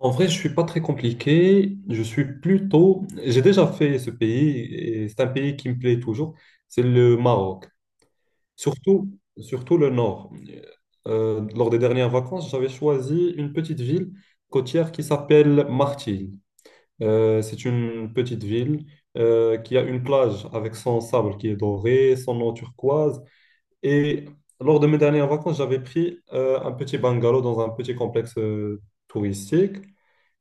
En vrai, je suis pas très compliqué. Je suis plutôt. J'ai déjà fait ce pays et c'est un pays qui me plaît toujours. C'est le Maroc. Surtout, surtout le nord. Lors des dernières vacances, j'avais choisi une petite ville côtière qui s'appelle Martil. C'est une petite ville qui a une plage avec son sable qui est doré, son eau turquoise. Et lors de mes dernières vacances, j'avais pris un petit bungalow dans un petit complexe touristique.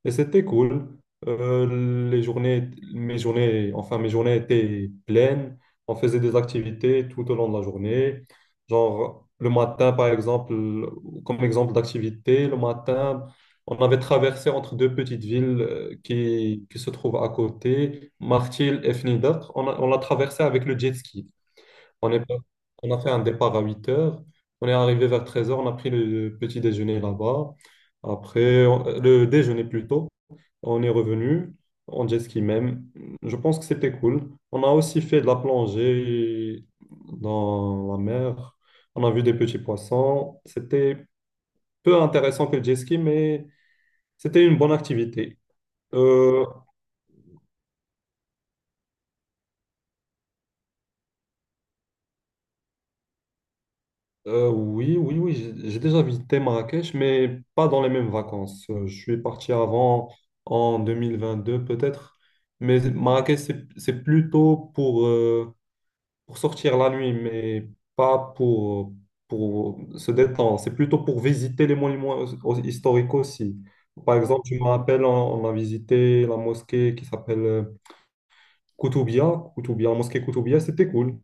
Et c'était cool. Les journées, mes journées, enfin mes journées étaient pleines. On faisait des activités tout au long de la journée. Genre le matin, par exemple, comme exemple d'activité, le matin, on avait traversé entre deux petites villes qui se trouvent à côté, Martil et Fnidat. On l'a traversé avec le jet ski. On est, on a fait un départ à 8 heures. On est arrivé vers 13 heures, on a pris le petit déjeuner là-bas. Après, le déjeuner plutôt. On est revenu en jet ski même. Je pense que c'était cool. On a aussi fait de la plongée dans la mer. On a vu des petits poissons. C'était peu intéressant que le jet ski, mais c'était une bonne activité. Euh, oui, oui, oui, j'ai déjà visité Marrakech, mais pas dans les mêmes vacances. Je suis parti avant, en 2022 peut-être. Mais Marrakech, c'est plutôt pour sortir la nuit, mais pas pour, pour se détendre. C'est plutôt pour visiter les monuments historiques aussi. Par exemple, je me rappelle, on a visité la mosquée qui s'appelle Koutoubia. Koutoubia, la mosquée Koutoubia, c'était cool.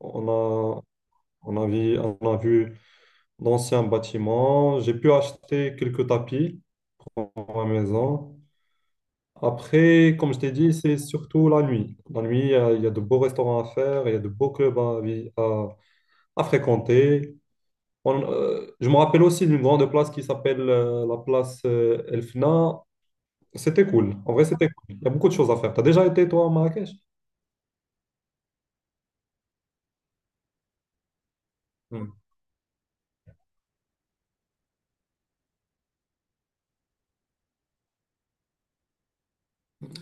On a, on a vu d'anciens bâtiments. J'ai pu acheter quelques tapis pour ma maison. Après, comme je t'ai dit, c'est surtout la nuit. La nuit, il y a de beaux restaurants à faire, il y a de beaux clubs à à fréquenter. Je me rappelle aussi d'une grande place qui s'appelle la place Elfna. C'était cool. En vrai, c'était cool. Il y a beaucoup de choses à faire. Tu as déjà été, toi, à Marrakech? Hmm.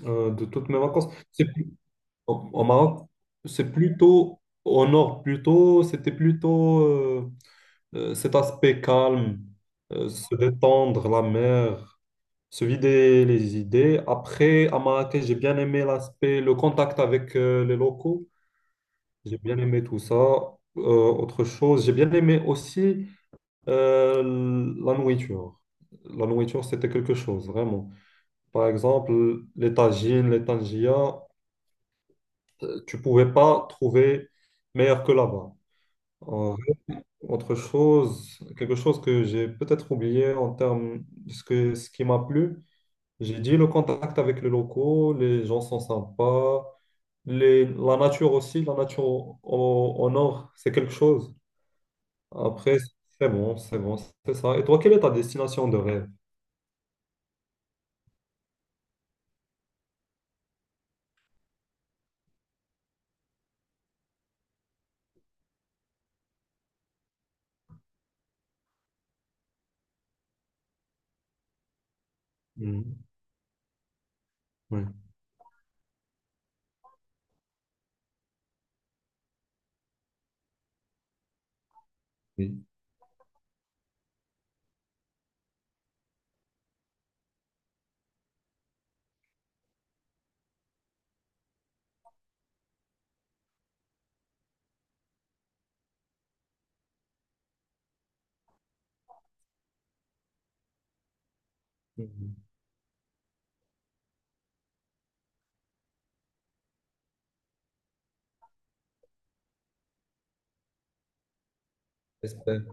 De toutes mes vacances. Au, au Maroc, c'est plutôt au nord, plutôt, c'était plutôt cet aspect calme, se détendre, la mer, se vider les idées. Après, à Marrakech, j'ai bien aimé l'aspect, le contact avec les locaux. J'ai bien aimé tout ça. Autre chose, j'ai bien aimé aussi euh, la nourriture. La nourriture, c'était quelque chose, vraiment. Par exemple, les tagines, les tangias, tu pouvais pas trouver meilleur que là-bas. Euh, autre chose, quelque chose que j'ai peut-être oublié en termes de ce qui m'a plu, j'ai dit le contact avec les locaux, les gens sont sympas, la nature aussi, la nature au nord, c'est quelque chose. Après, c'est bon, c'est ça. Et toi, quelle est ta destination de rêve? Mhm. Oui, oui. Mhm. J'espère.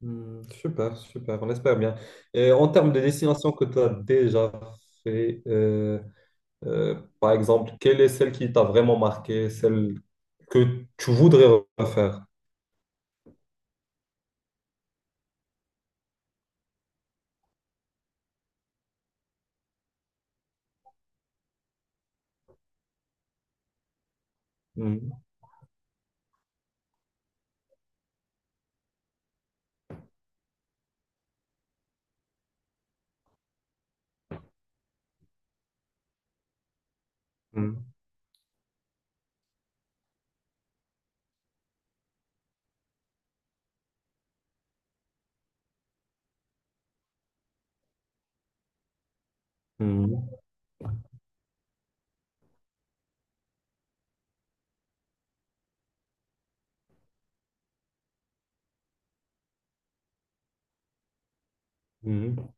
Mhm. Super, super, on espère bien. Et en termes de destination que tu as déjà fait, par exemple, quelle est celle qui t'a vraiment marqué, celle que tu voudrais refaire? Mhm, mhm, mhm, mhm,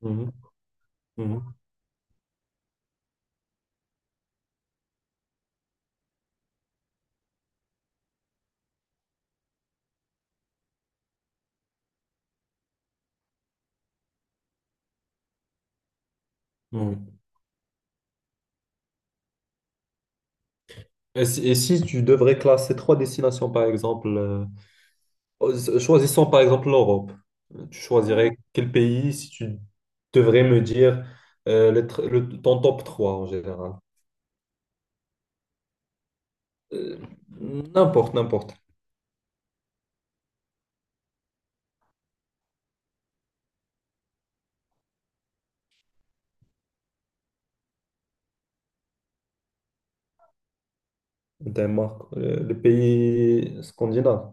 mhm, mhm, mhm. Et si tu devrais classer trois destinations, par exemple, Choisissons par exemple l'Europe. Tu Mhm. choisirais quel pays si tu devrais me dire ton top 3 en général? Euh, n'importe, n'importe. Danemark, le pays scandinave.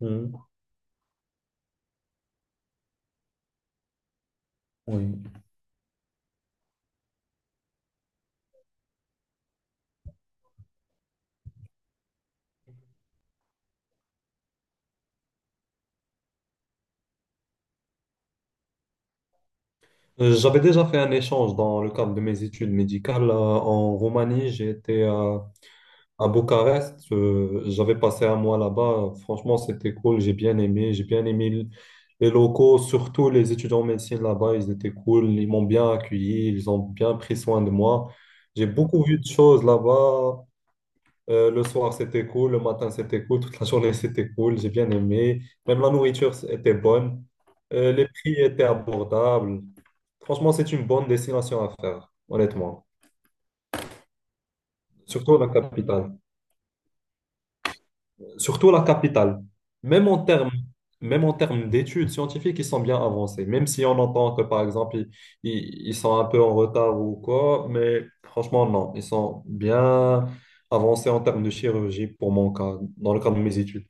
Mhm. Oui. J'avais déjà fait un échange dans le cadre de mes études médicales en Roumanie. J'ai été à À Bucarest, j'avais passé un mois là-bas. Franchement, c'était cool. J'ai bien aimé. Les locaux, surtout les étudiants en médecine là-bas. Ils étaient cool. Ils m'ont bien accueilli. Ils ont bien pris soin de moi. J'ai beaucoup vu de choses là-bas. Le soir, c'était cool. Le matin, c'était cool. Toute la journée, c'était cool. J'ai bien aimé. Même la nourriture était bonne. Les prix étaient abordables. Franchement, c'est une bonne destination à faire, honnêtement. Surtout la capitale. Surtout la capitale. Même en termes, même en termes d'études scientifiques, ils sont bien avancés. Même si on entend que, par exemple, ils sont un peu en retard ou quoi, mais franchement, non. Ils sont bien avancés en termes de chirurgie pour mon cas, dans le cadre de mes études.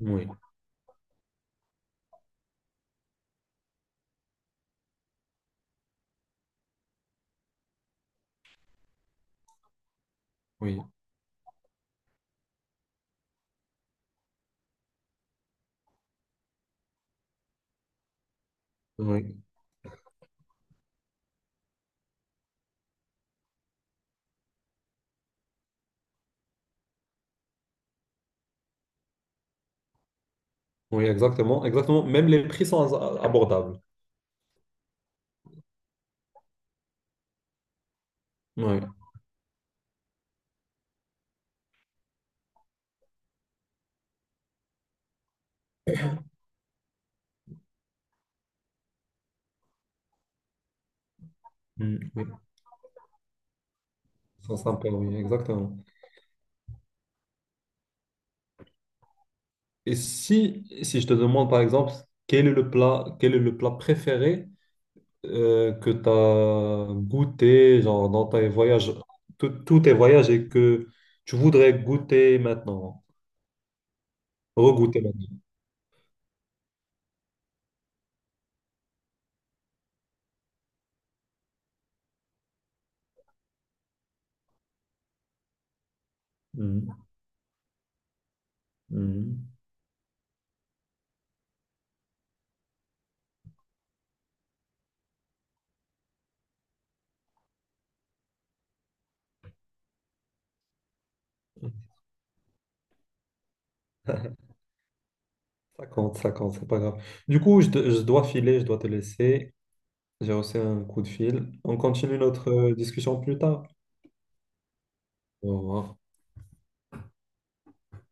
Oui, oui, oui, oui, exactement, exactement. Même les prix sont abordables. Oui, mm, oui, ils sont sympas, oui, exactement. Et si, si je te demande, par exemple, quel est le plat, quel est le plat préféré? Que tu as goûté genre, dans tes voyages, tous tes voyages et que tu voudrais goûter maintenant, regoûter maintenant. Mhm. Mhm. Ça compte, c'est pas grave. Du coup, je dois filer, je dois te laisser. J'ai reçu un coup de fil. On continue notre discussion plus tard. Au revoir.